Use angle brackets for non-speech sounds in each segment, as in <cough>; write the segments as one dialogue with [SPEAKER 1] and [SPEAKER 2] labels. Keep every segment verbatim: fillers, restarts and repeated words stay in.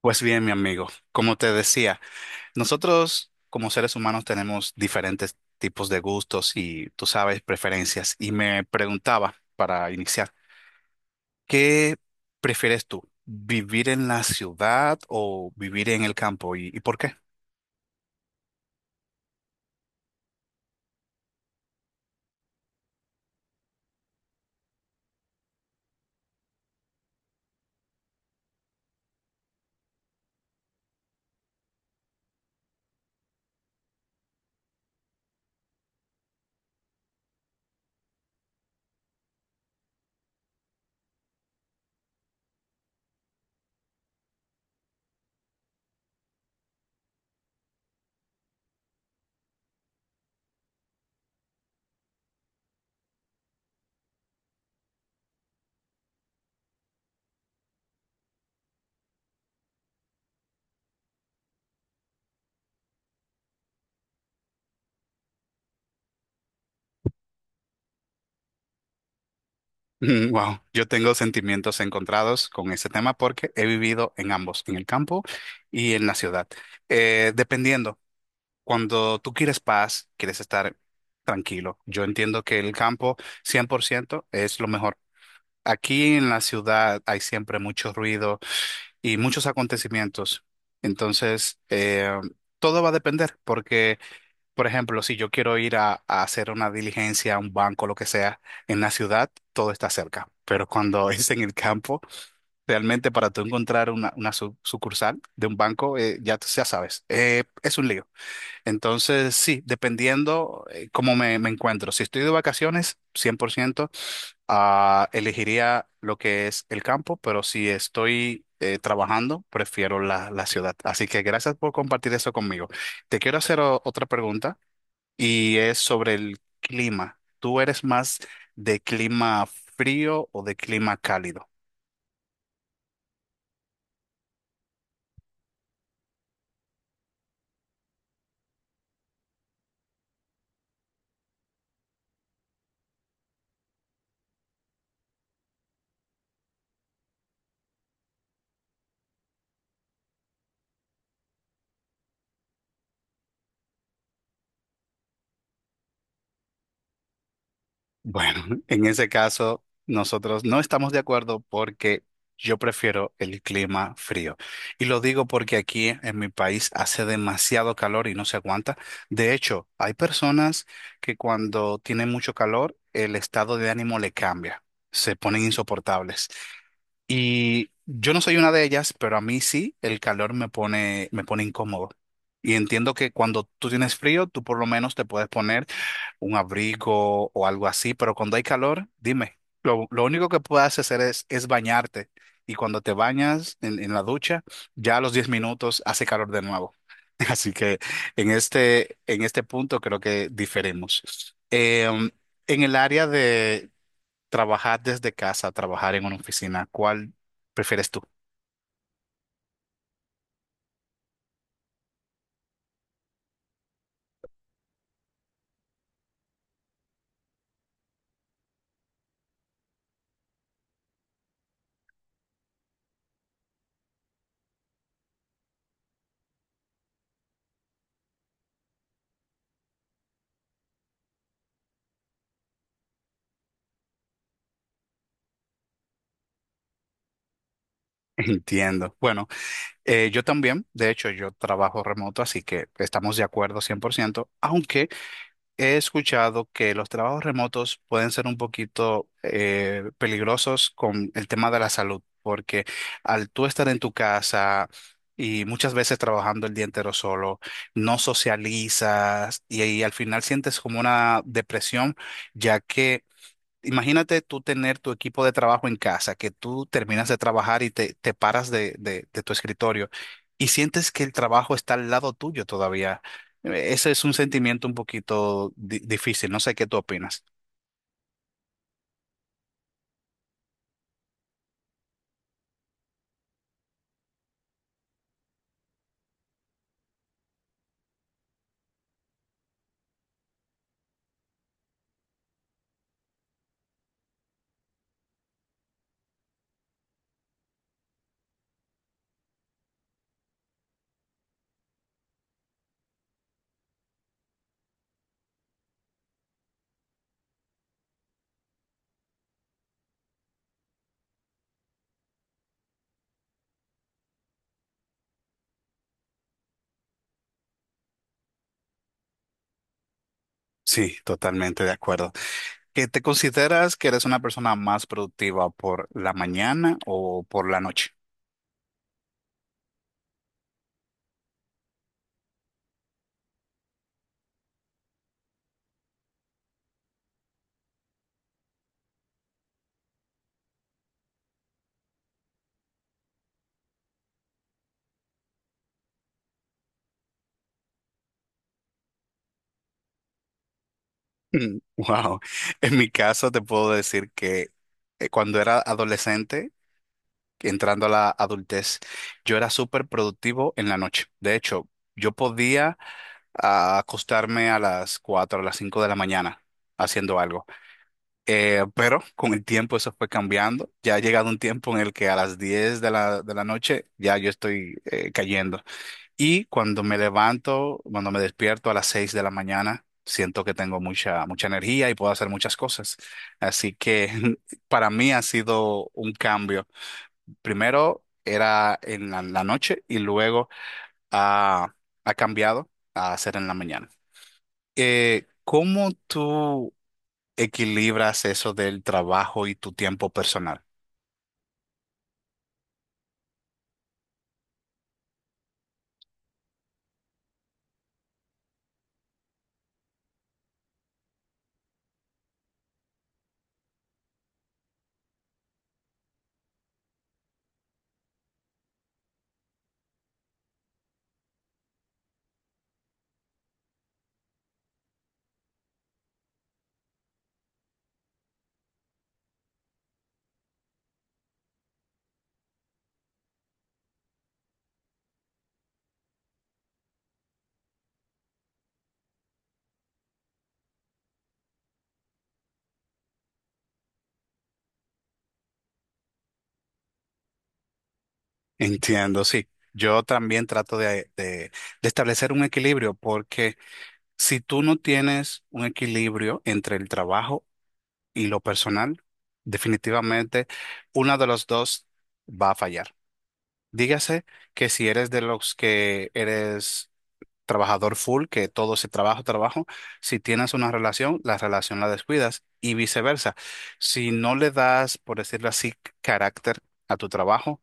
[SPEAKER 1] Pues bien, mi amigo, como te decía, nosotros como seres humanos tenemos diferentes tipos de gustos y, tú sabes, preferencias. Y me preguntaba, para iniciar, ¿qué prefieres tú? ¿Vivir en la ciudad o vivir en el campo? ¿Y, y por qué? <laughs> Mm, wow, yo tengo sentimientos encontrados con ese tema porque he vivido en ambos, en el campo y en la ciudad. Eh, dependiendo. Cuando tú quieres paz, quieres estar tranquilo. Yo entiendo que el campo cien por ciento, es lo mejor. Aquí en la ciudad hay siempre mucho ruido y muchos acontecimientos. Entonces, eh, todo va a depender porque, por ejemplo, si yo quiero ir a, a hacer una diligencia, a un banco, lo que sea, en la ciudad, todo está cerca. Pero cuando <laughs> es en el campo, realmente para tú encontrar una, una su- sucursal de un banco, eh, ya, ya sabes, eh, es un lío. Entonces, sí, dependiendo eh, cómo me, me encuentro. Si estoy de vacaciones, cien por ciento, ah, elegiría lo que es el campo, pero si estoy eh, trabajando, prefiero la, la ciudad. Así que gracias por compartir eso conmigo. Te quiero hacer o- otra pregunta y es sobre el clima. ¿Tú eres más de clima frío o de clima cálido? Bueno, <laughs> en ese caso, nosotros no estamos de acuerdo porque yo prefiero el clima frío. Y lo digo porque aquí en mi país hace demasiado calor y no se aguanta. De hecho, hay personas que cuando tienen mucho calor, el estado de ánimo le cambia, se ponen insoportables. Y yo no soy una de ellas, pero a mí sí, el calor me pone, me pone incómodo. Y entiendo que cuando tú tienes frío, tú por lo menos te puedes poner un abrigo o algo así, pero cuando hay calor, dime, lo, lo único que puedes hacer es, es bañarte. Y cuando te bañas en, en la ducha, ya a los diez minutos hace calor de nuevo. <laughs> Así que en este, en este punto creo que diferimos. Em, en el área de trabajar desde casa, trabajar en una oficina, ¿cuál prefieres tú? <laughs> Entiendo. Bueno, eh, yo también, de hecho, yo trabajo remoto, así que estamos de acuerdo cien por ciento, aunque he escuchado que los trabajos remotos pueden ser un poquito eh, peligrosos con el tema de la salud, porque al tú estar en tu casa y muchas veces trabajando el día entero solo, no socializas y, y al final sientes como una depresión, ya que imagínate tú tener tu equipo de trabajo en casa, que tú terminas de trabajar y te, te paras de, de- de tu escritorio y sientes que el trabajo está al lado tuyo todavía. Eh, Ese es un sentimiento un poquito di- difícil. No sé qué tú opinas. Sí, totalmente de acuerdo. ¿Que te consideras que eres una persona más productiva por la mañana o por la noche? <laughs> Mm, wow. En mi caso te puedo decir que eh, cuando era adolescente entrando a la adultez, yo era súper productivo en la noche. De hecho, yo podía a acostarme a las cuatro a las cinco de la mañana haciendo algo. Eh, pero con el tiempo eso fue cambiando. Ya ha llegado un tiempo en el que a las diez de la, de la noche ya yo estoy eh, cayendo. Y cuando me levanto, cuando me despierto a las seis de la mañana, siento que tengo mucha, mucha energía y puedo hacer muchas cosas. Así que <laughs> para mí ha sido un cambio. Primero era en la, la noche y luego ha, ha cambiado a ser en la mañana. Eh, ¿cómo tú equilibras eso del trabajo y tu tiempo personal? <laughs> Entiendo, sí. Yo también trato de, de- de establecer un equilibrio porque si tú no tienes un equilibrio entre el trabajo y lo personal, definitivamente uno de los dos va a fallar. Dígase que si eres de los que eres trabajador full, que todo se trabajo, trabajo. Si tienes una relación, la relación la descuidas y viceversa. Si no le das, por decirlo así, carácter a tu trabajo,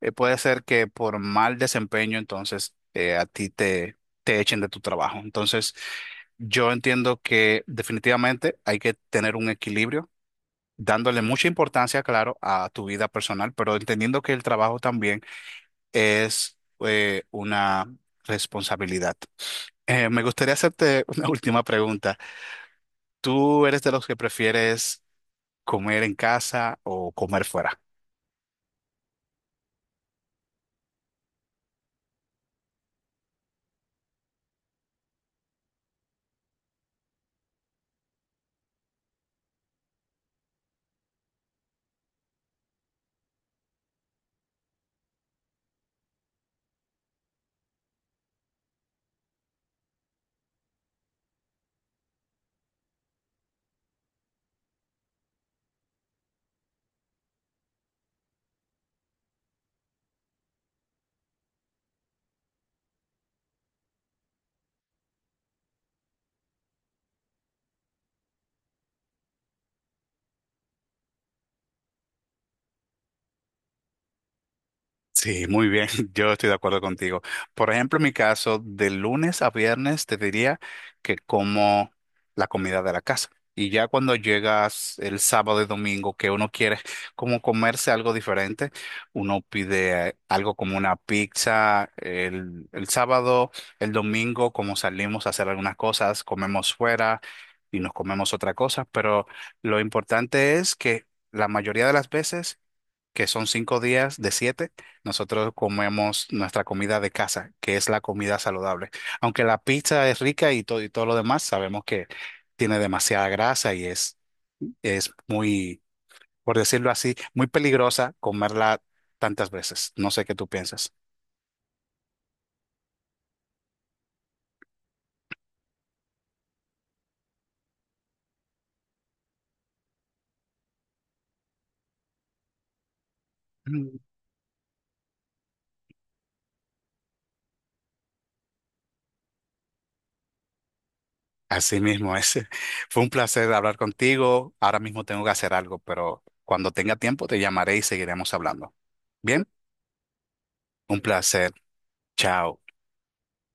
[SPEAKER 1] eh, puede ser que por mal desempeño, entonces eh, a ti te, te echen de tu trabajo. Entonces, yo entiendo que definitivamente hay que tener un equilibrio, dándole mucha importancia, claro, a tu vida personal, pero entendiendo que el trabajo también es eh, una responsabilidad. Eh, me gustaría hacerte una <laughs> última pregunta. ¿Tú eres de los que prefieres comer en casa o comer fuera? Sí, muy bien, <laughs> yo estoy de acuerdo contigo. Por ejemplo, en mi caso, de lunes a viernes te diría que como la comida de la casa. Y ya cuando llegas el sábado y domingo, que uno quiere como comerse algo diferente, uno pide eh, algo como una pizza el, el sábado, el domingo, como salimos a hacer algunas cosas, comemos fuera y nos comemos otra cosa. Pero lo importante es que la mayoría de las veces que son cinco días de siete, nosotros comemos nuestra comida de casa, que es la comida saludable. Aunque la pizza es rica y todo, y todo lo demás, sabemos que tiene demasiada grasa y es, es muy, por decirlo así, muy peligrosa comerla tantas veces. No sé qué tú piensas. Mm. Así mismo es. <laughs> Fue un placer hablar contigo. Ahora mismo tengo que hacer algo, pero cuando tenga tiempo te llamaré y seguiremos hablando. Bien, un placer. Chao.